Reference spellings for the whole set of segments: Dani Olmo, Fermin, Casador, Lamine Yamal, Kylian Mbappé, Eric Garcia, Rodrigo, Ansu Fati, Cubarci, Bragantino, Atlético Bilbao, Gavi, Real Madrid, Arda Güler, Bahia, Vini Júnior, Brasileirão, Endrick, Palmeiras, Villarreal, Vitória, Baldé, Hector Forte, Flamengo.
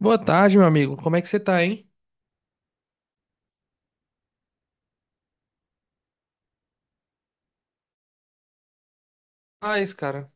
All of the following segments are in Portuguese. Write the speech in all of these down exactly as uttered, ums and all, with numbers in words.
Boa tarde, meu amigo. Como é que você tá, hein? Ah, isso, cara.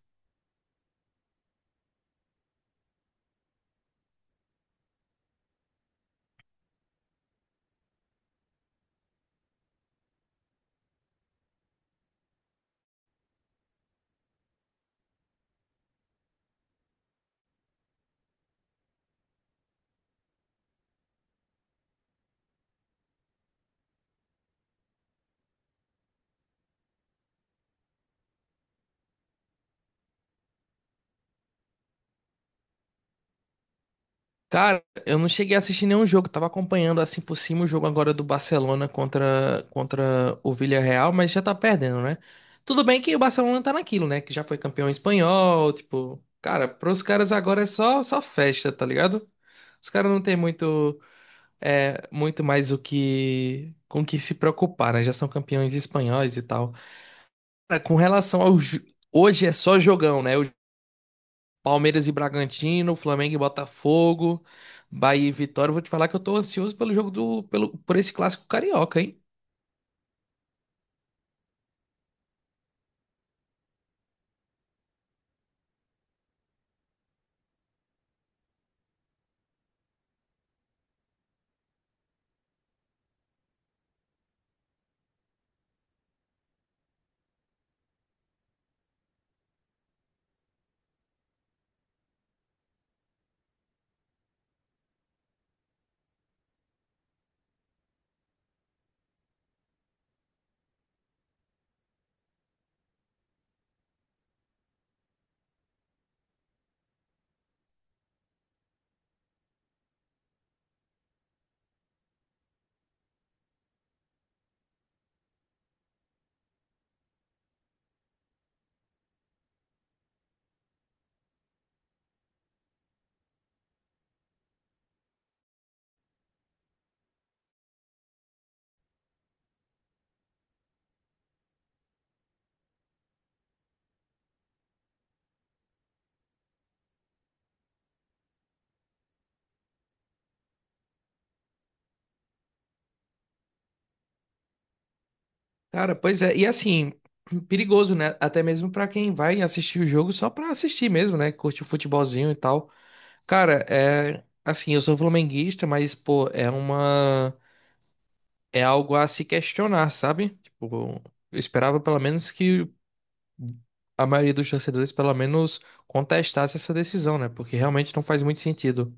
Cara, eu não cheguei a assistir nenhum jogo. Tava acompanhando assim por cima o jogo agora do Barcelona contra, contra o Villarreal, mas já tá perdendo, né? Tudo bem que o Barcelona tá naquilo, né? Que já foi campeão espanhol, tipo, cara, pros caras agora é só, só festa, tá ligado? Os caras não têm muito, é, muito mais o que com que se preocupar, né? Já são campeões espanhóis e tal. Cara, com relação ao ju- hoje é só jogão, né? Palmeiras e Bragantino, Flamengo e Botafogo, Bahia e Vitória. Eu vou te falar que eu tô ansioso pelo jogo do, pelo, por esse clássico carioca, hein? Cara, pois é. E assim, perigoso, né? Até mesmo pra quem vai assistir o jogo só pra assistir mesmo, né? Curte o futebolzinho e tal. Cara, é assim, eu sou flamenguista, mas pô, é uma é algo a se questionar, sabe? Tipo, eu esperava pelo menos que a maioria dos torcedores pelo menos contestasse essa decisão, né? Porque realmente não faz muito sentido.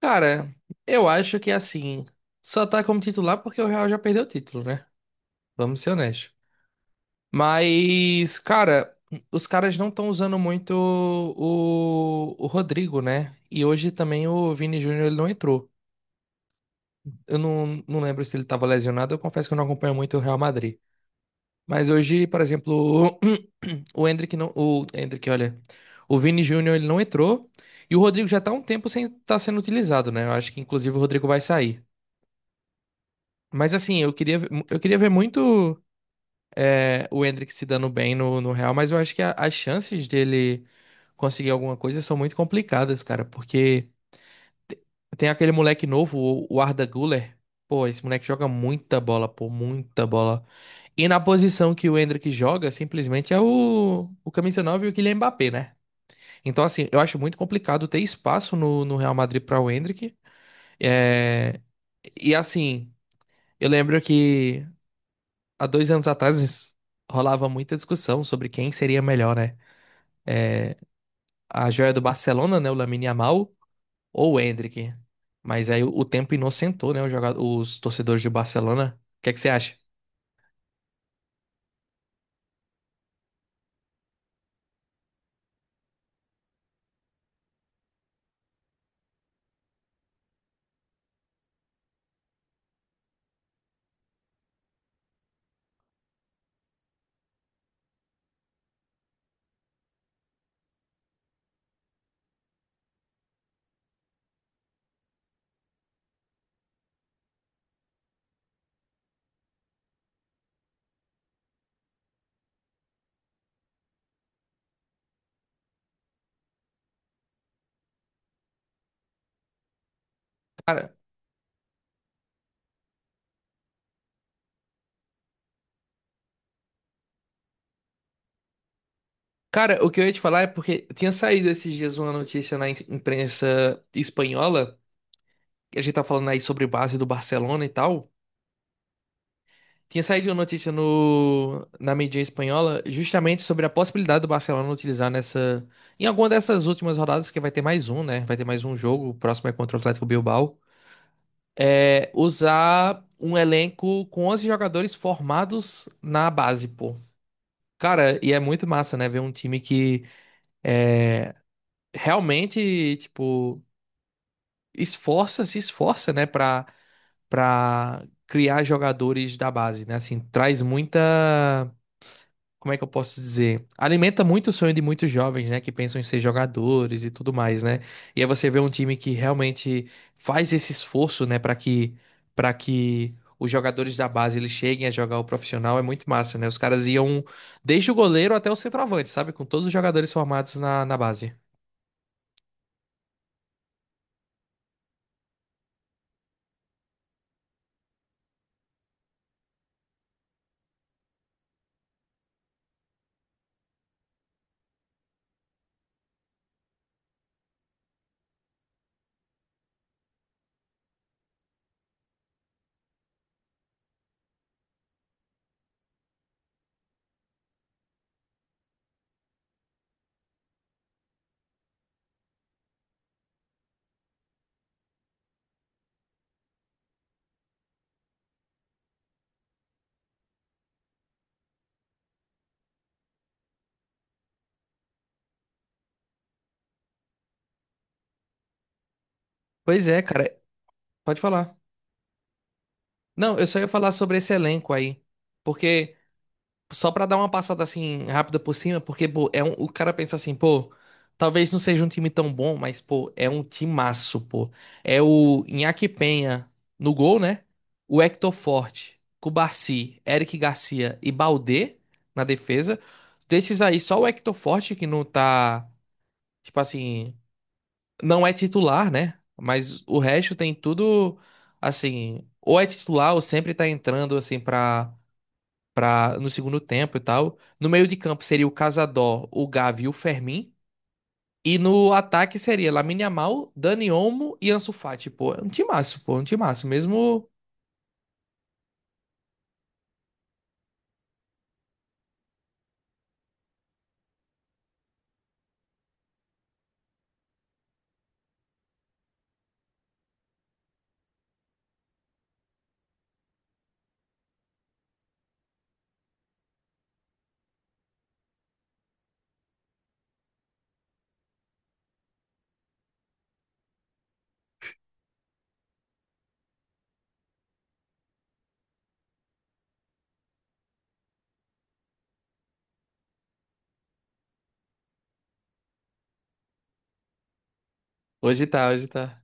Cara, eu acho que assim, só tá como titular porque o Real já perdeu o título, né? Vamos ser honestos. Mas, cara, os caras não estão usando muito o, o Rodrigo, né? E hoje também o Vini Júnior ele não entrou. Eu não, não lembro se ele tava lesionado, eu confesso que eu não acompanho muito o Real Madrid. Mas hoje, por exemplo, o, o Endrick não, o Endrick, olha, o Vini Júnior ele não entrou e o Rodrigo já tá há um tempo sem estar sendo utilizado, né? Eu acho que inclusive o Rodrigo vai sair. Mas assim, eu queria, ver- eu queria ver muito é, o Endrick se dando bem no, no Real, mas eu acho que a- as chances dele conseguir alguma coisa são muito complicadas, cara, porque te- tem aquele moleque novo, o o Arda Güler. Pô, esse moleque joga muita bola, pô, muita bola. E na posição que o Endrick joga, simplesmente é o, o camisa nove e o Kylian Mbappé, né? Então, assim, eu acho muito complicado ter espaço no, no Real Madrid para o Endrick. É, e assim, eu lembro que há dois anos atrás rolava muita discussão sobre quem seria melhor, né? A joia do Barcelona, né? O Lamine Yamal ou o Endrick. Mas aí o, o tempo inocentou, né? Os, joga- os torcedores do Barcelona. O que é que você acha? Cara, cara, o que eu ia te falar é porque tinha saído esses dias uma notícia na im- imprensa espanhola. Que a gente tá falando aí sobre base do Barcelona e tal. Tinha saído uma notícia no, na mídia espanhola justamente sobre a possibilidade do Barcelona utilizar nessa, em alguma dessas últimas rodadas, que vai ter mais um, né? Vai ter mais um jogo, o próximo é contra o Atlético Bilbao. É, usar um elenco com onze jogadores formados na base, pô. Cara, e é muito massa, né? Ver um time que realmente, tipo, esforça, se esforça, né? Pra, pra criar jogadores da base, né? Assim, traz muita, como é que eu posso dizer? Alimenta muito o sonho de muitos jovens, né, que pensam em ser jogadores e tudo mais, né? E aí você vê um time que realmente faz esse esforço, né, para que para que os jogadores da base eles cheguem a jogar o profissional é muito massa, né? Os caras iam desde o goleiro até o centroavante, sabe? Com todos os jogadores formados na, na base. Pois é, cara, pode falar. Não, eu só ia falar sobre esse elenco aí, porque só pra dar uma passada assim rápida por cima, porque pô, é um, o cara pensa assim, pô, talvez não seja um time tão bom, mas pô, é um timaço, pô. É o Iñaki Penha no gol, né? O Hector Forte, Cubarci, Eric Garcia e Baldé na defesa. Desses aí, só o Hector Forte que não tá, tipo assim, não é titular, né? Mas o resto tem tudo assim, ou é titular ou sempre tá entrando assim pra pra, no segundo tempo e tal. No meio de campo seria o Casador, o Gavi e o Fermin. E no ataque seria Lamine Yamal, Dani Olmo e Ansu Fati. Pô, é um timaço, pô, é um timaço mesmo. Hoje tá, hoje tá.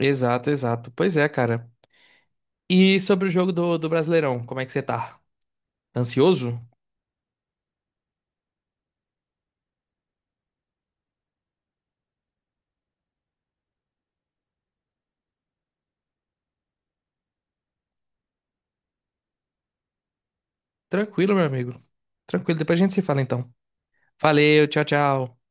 Exato, exato. Pois é, cara. E sobre o jogo do, do Brasileirão, como é que você tá? Ansioso? Tranquilo, meu amigo. Tranquilo, depois a gente se fala então. Valeu, tchau, tchau.